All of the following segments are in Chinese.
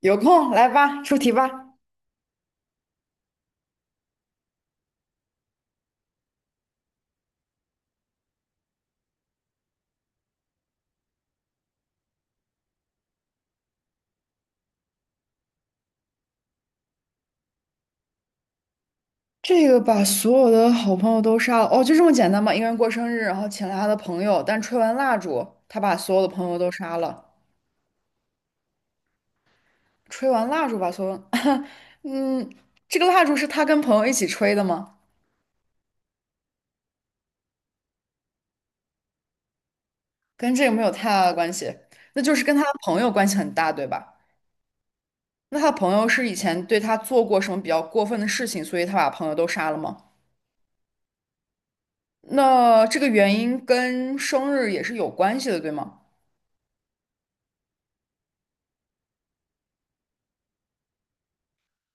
有空来吧，出题吧。这个把所有的好朋友都杀了，哦，就这么简单吗？一个人过生日，然后请了他的朋友，但吹完蜡烛，他把所有的朋友都杀了。吹完蜡烛把所有，嗯，这个蜡烛是他跟朋友一起吹的吗？跟这个没有太大的关系，那就是跟他的朋友关系很大，对吧？那他的朋友是以前对他做过什么比较过分的事情，所以他把朋友都杀了吗？那这个原因跟生日也是有关系的，对吗？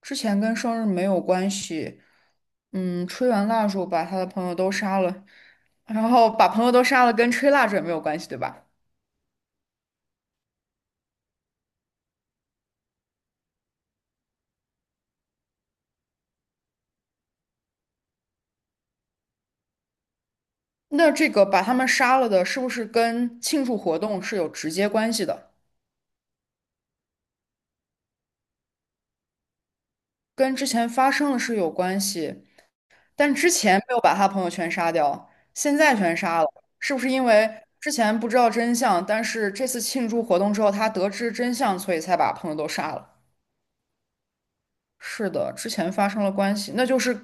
之前跟生日没有关系，嗯，吹完蜡烛把他的朋友都杀了，然后把朋友都杀了，跟吹蜡烛也没有关系，对吧？那这个把他们杀了的，是不是跟庆祝活动是有直接关系的？跟之前发生的是有关系，但之前没有把他朋友全杀掉，现在全杀了，是不是因为之前不知道真相，但是这次庆祝活动之后他得知真相，所以才把朋友都杀了？是的，之前发生了关系，那就是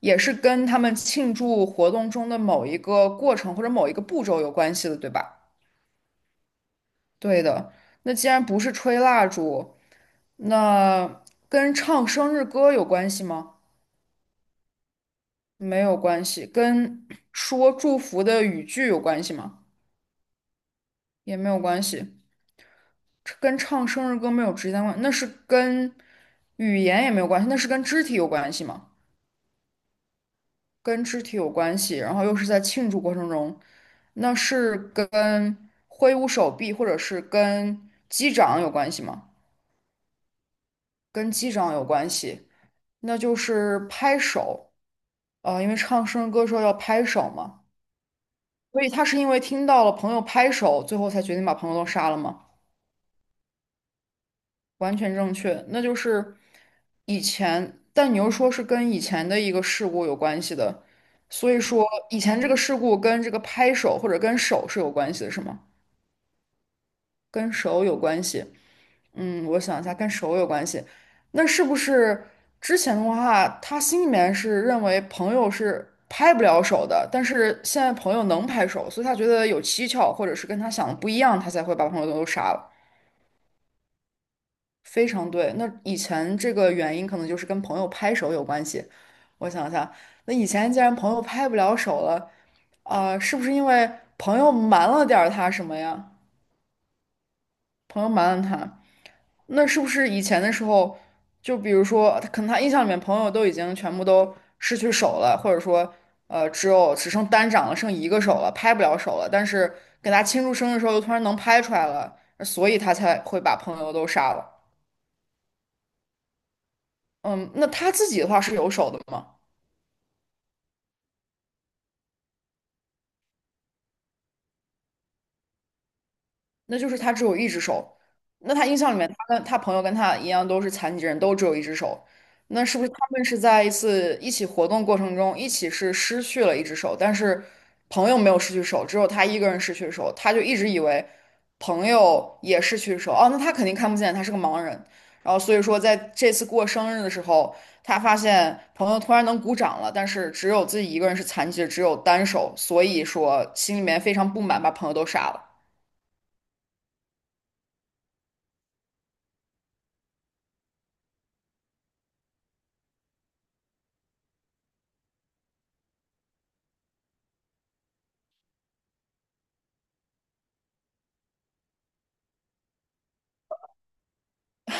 也是跟他们庆祝活动中的某一个过程或者某一个步骤有关系的，对吧？对的。那既然不是吹蜡烛，那跟唱生日歌有关系吗？没有关系。跟说祝福的语句有关系吗？也没有关系。这跟唱生日歌没有直接关，那是跟语言也没有关系，那是跟肢体有关系吗？跟肢体有关系，然后又是在庆祝过程中，那是跟挥舞手臂或者是跟击掌有关系吗？跟击掌有关系，那就是拍手，因为唱生日歌时候要拍手嘛，所以他是因为听到了朋友拍手，最后才决定把朋友都杀了吗？完全正确，那就是以前，但你又说是跟以前的一个事故有关系的，所以说以前这个事故跟这个拍手或者跟手是有关系的，是吗？跟手有关系。嗯，我想一下，跟手有关系。那是不是之前的话，他心里面是认为朋友是拍不了手的，但是现在朋友能拍手，所以他觉得有蹊跷，或者是跟他想的不一样，他才会把朋友都杀了。非常对。那以前这个原因可能就是跟朋友拍手有关系。我想一下，那以前既然朋友拍不了手了，啊、是不是因为朋友瞒了点儿他什么呀？朋友瞒了他。那是不是以前的时候，就比如说，他可能他印象里面朋友都已经全部都失去手了，或者说，只有只剩单掌了，剩一个手了，拍不了手了。但是给他庆祝生日的时候，又突然能拍出来了，所以他才会把朋友都杀了。嗯，那他自己的话是有手的吗？那就是他只有一只手。那他印象里面，他跟他朋友跟他一样都是残疾人，都只有一只手。那是不是他们是在一次一起活动过程中，一起是失去了一只手，但是朋友没有失去手，只有他一个人失去手，他就一直以为朋友也失去手。哦，那他肯定看不见，他是个盲人。然后所以说，在这次过生日的时候，他发现朋友突然能鼓掌了，但是只有自己一个人是残疾的，只有单手，所以说心里面非常不满，把朋友都杀了。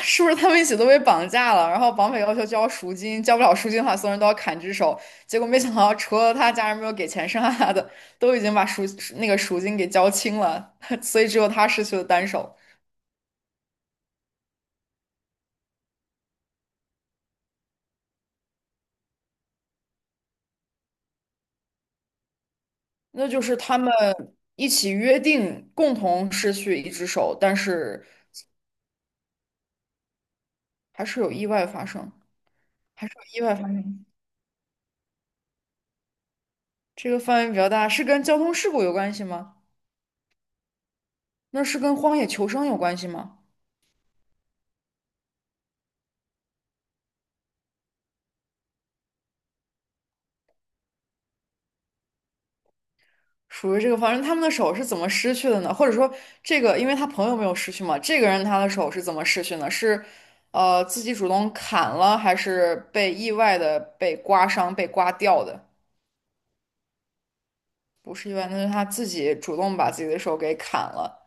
是不是他们一起都被绑架了？然后绑匪要求交赎金，交不了赎金的话，所有人都要砍只手。结果没想到，除了他家人没有给钱，剩下他的都已经把赎那个赎金给交清了，所以只有他失去了单手。那就是他们一起约定共同失去一只手，但是还是有意外发生，还是有意外发生。这个范围比较大，是跟交通事故有关系吗？那是跟荒野求生有关系吗？属于这个方式，他们的手是怎么失去的呢？或者说，这个因为他朋友没有失去嘛，这个人他的手是怎么失去呢？是自己主动砍了，还是被意外的被刮伤、被刮掉的？不是意外，那是他自己主动把自己的手给砍了，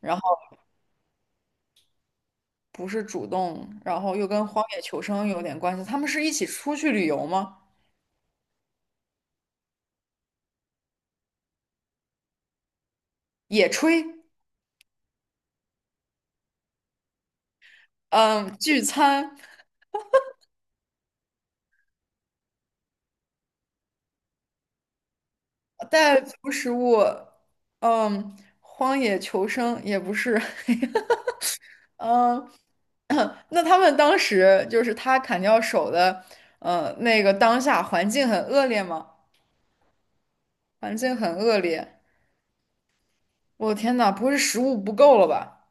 然后不是主动，然后又跟荒野求生有点关系。他们是一起出去旅游吗？野炊，嗯，聚餐，带足食物，嗯，荒野求生也不是。嗯，那他们当时就是他砍掉手的，那个当下环境很恶劣吗？环境很恶劣，我的天呐，不会是食物不够了吧？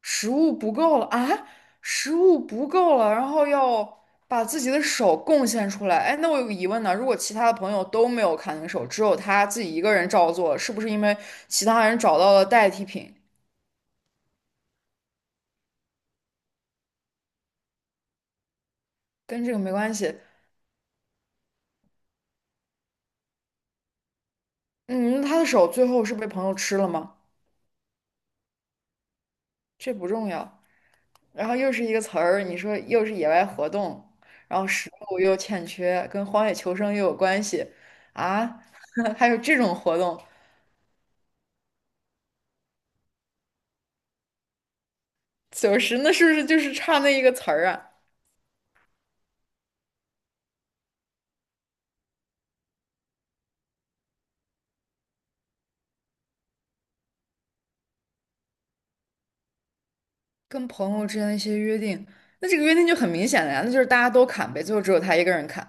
食物不够了啊！食物不够了，然后要把自己的手贡献出来。哎，那我有个疑问呢，如果其他的朋友都没有砍那手，只有他自己一个人照做了是不是因为其他人找到了代替品，跟这个没关系？嗯，那他的手最后是被朋友吃了吗？这不重要。然后又是一个词儿，你说又是野外活动，然后食物又欠缺，跟荒野求生又有关系啊，还有这种活动，九十那是不是就是差那一个词儿啊？跟朋友之间的一些约定，那这个约定就很明显了呀，那就是大家都砍呗，最后只有他一个人砍，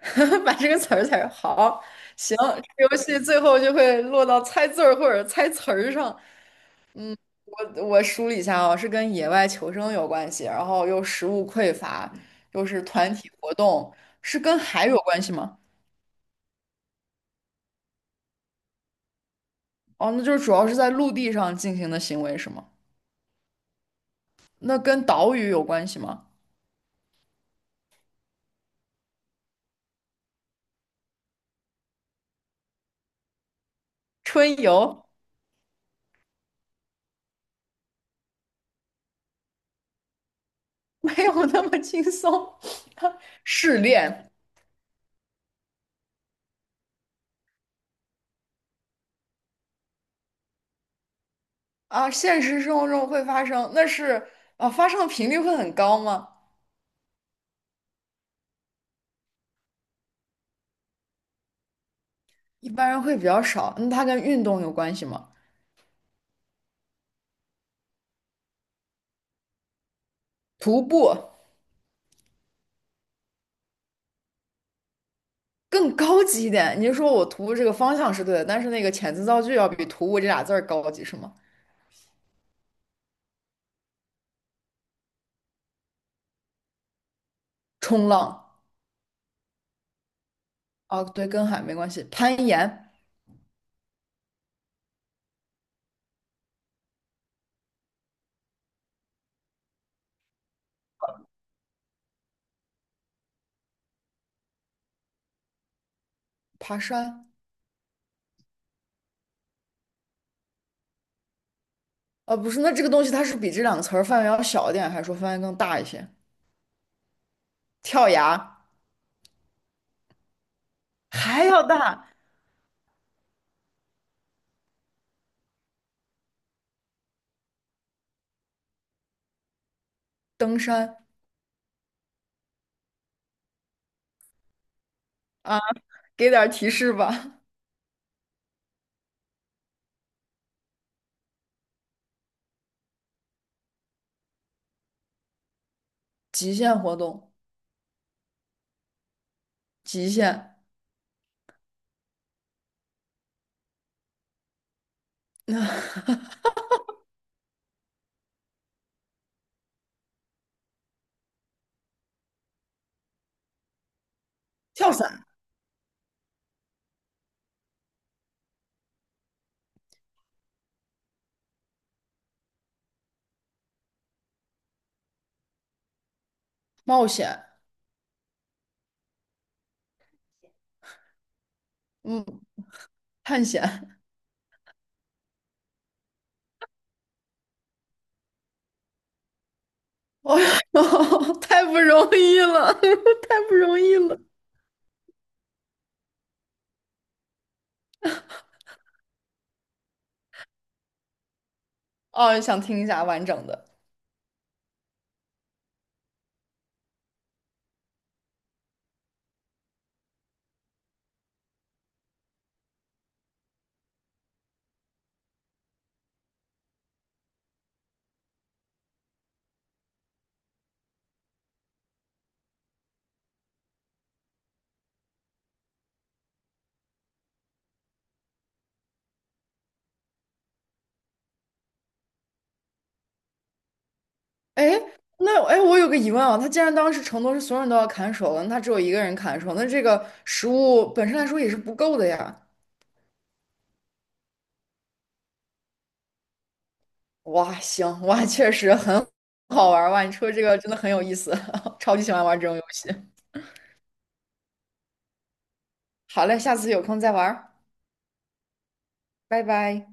把这个词儿才好。行，这个游戏最后就会落到猜字儿或者猜词儿上，我梳理一下哦，是跟野外求生有关系，然后又食物匮乏，又是团体活动，是跟海有关系吗？哦，那就是主要是在陆地上进行的行为是吗？那跟岛屿有关系吗？春游 没有那么轻松，试炼啊，现实生活中会发生，那是啊，发生的频率会很高吗？一般人会比较少，那它跟运动有关系吗？徒步。更高级一点。你就说我徒步这个方向是对的，但是那个遣词造句要比徒步这俩字儿高级是吗？冲浪啊，对，跟海没关系。攀岩、爬山啊，不是，那这个东西它是比这两个词儿范围要小一点，还是说范围更大一些？跳崖还要大，登山啊，给点儿提示吧。极限活动，极限，跳伞，冒险，嗯，探险。哦，呦，太不容易了，太不容易了。哦，想听一下完整的。哎，那哎，诶我有个疑问啊，他既然当时承诺是所有人都要砍手了，那他只有一个人砍手，那这个食物本身来说也是不够的呀。哇，行，哇，确实很好玩儿哇，你说这个真的很有意思，超级喜欢玩这种游戏。好嘞，下次有空再玩儿，拜拜。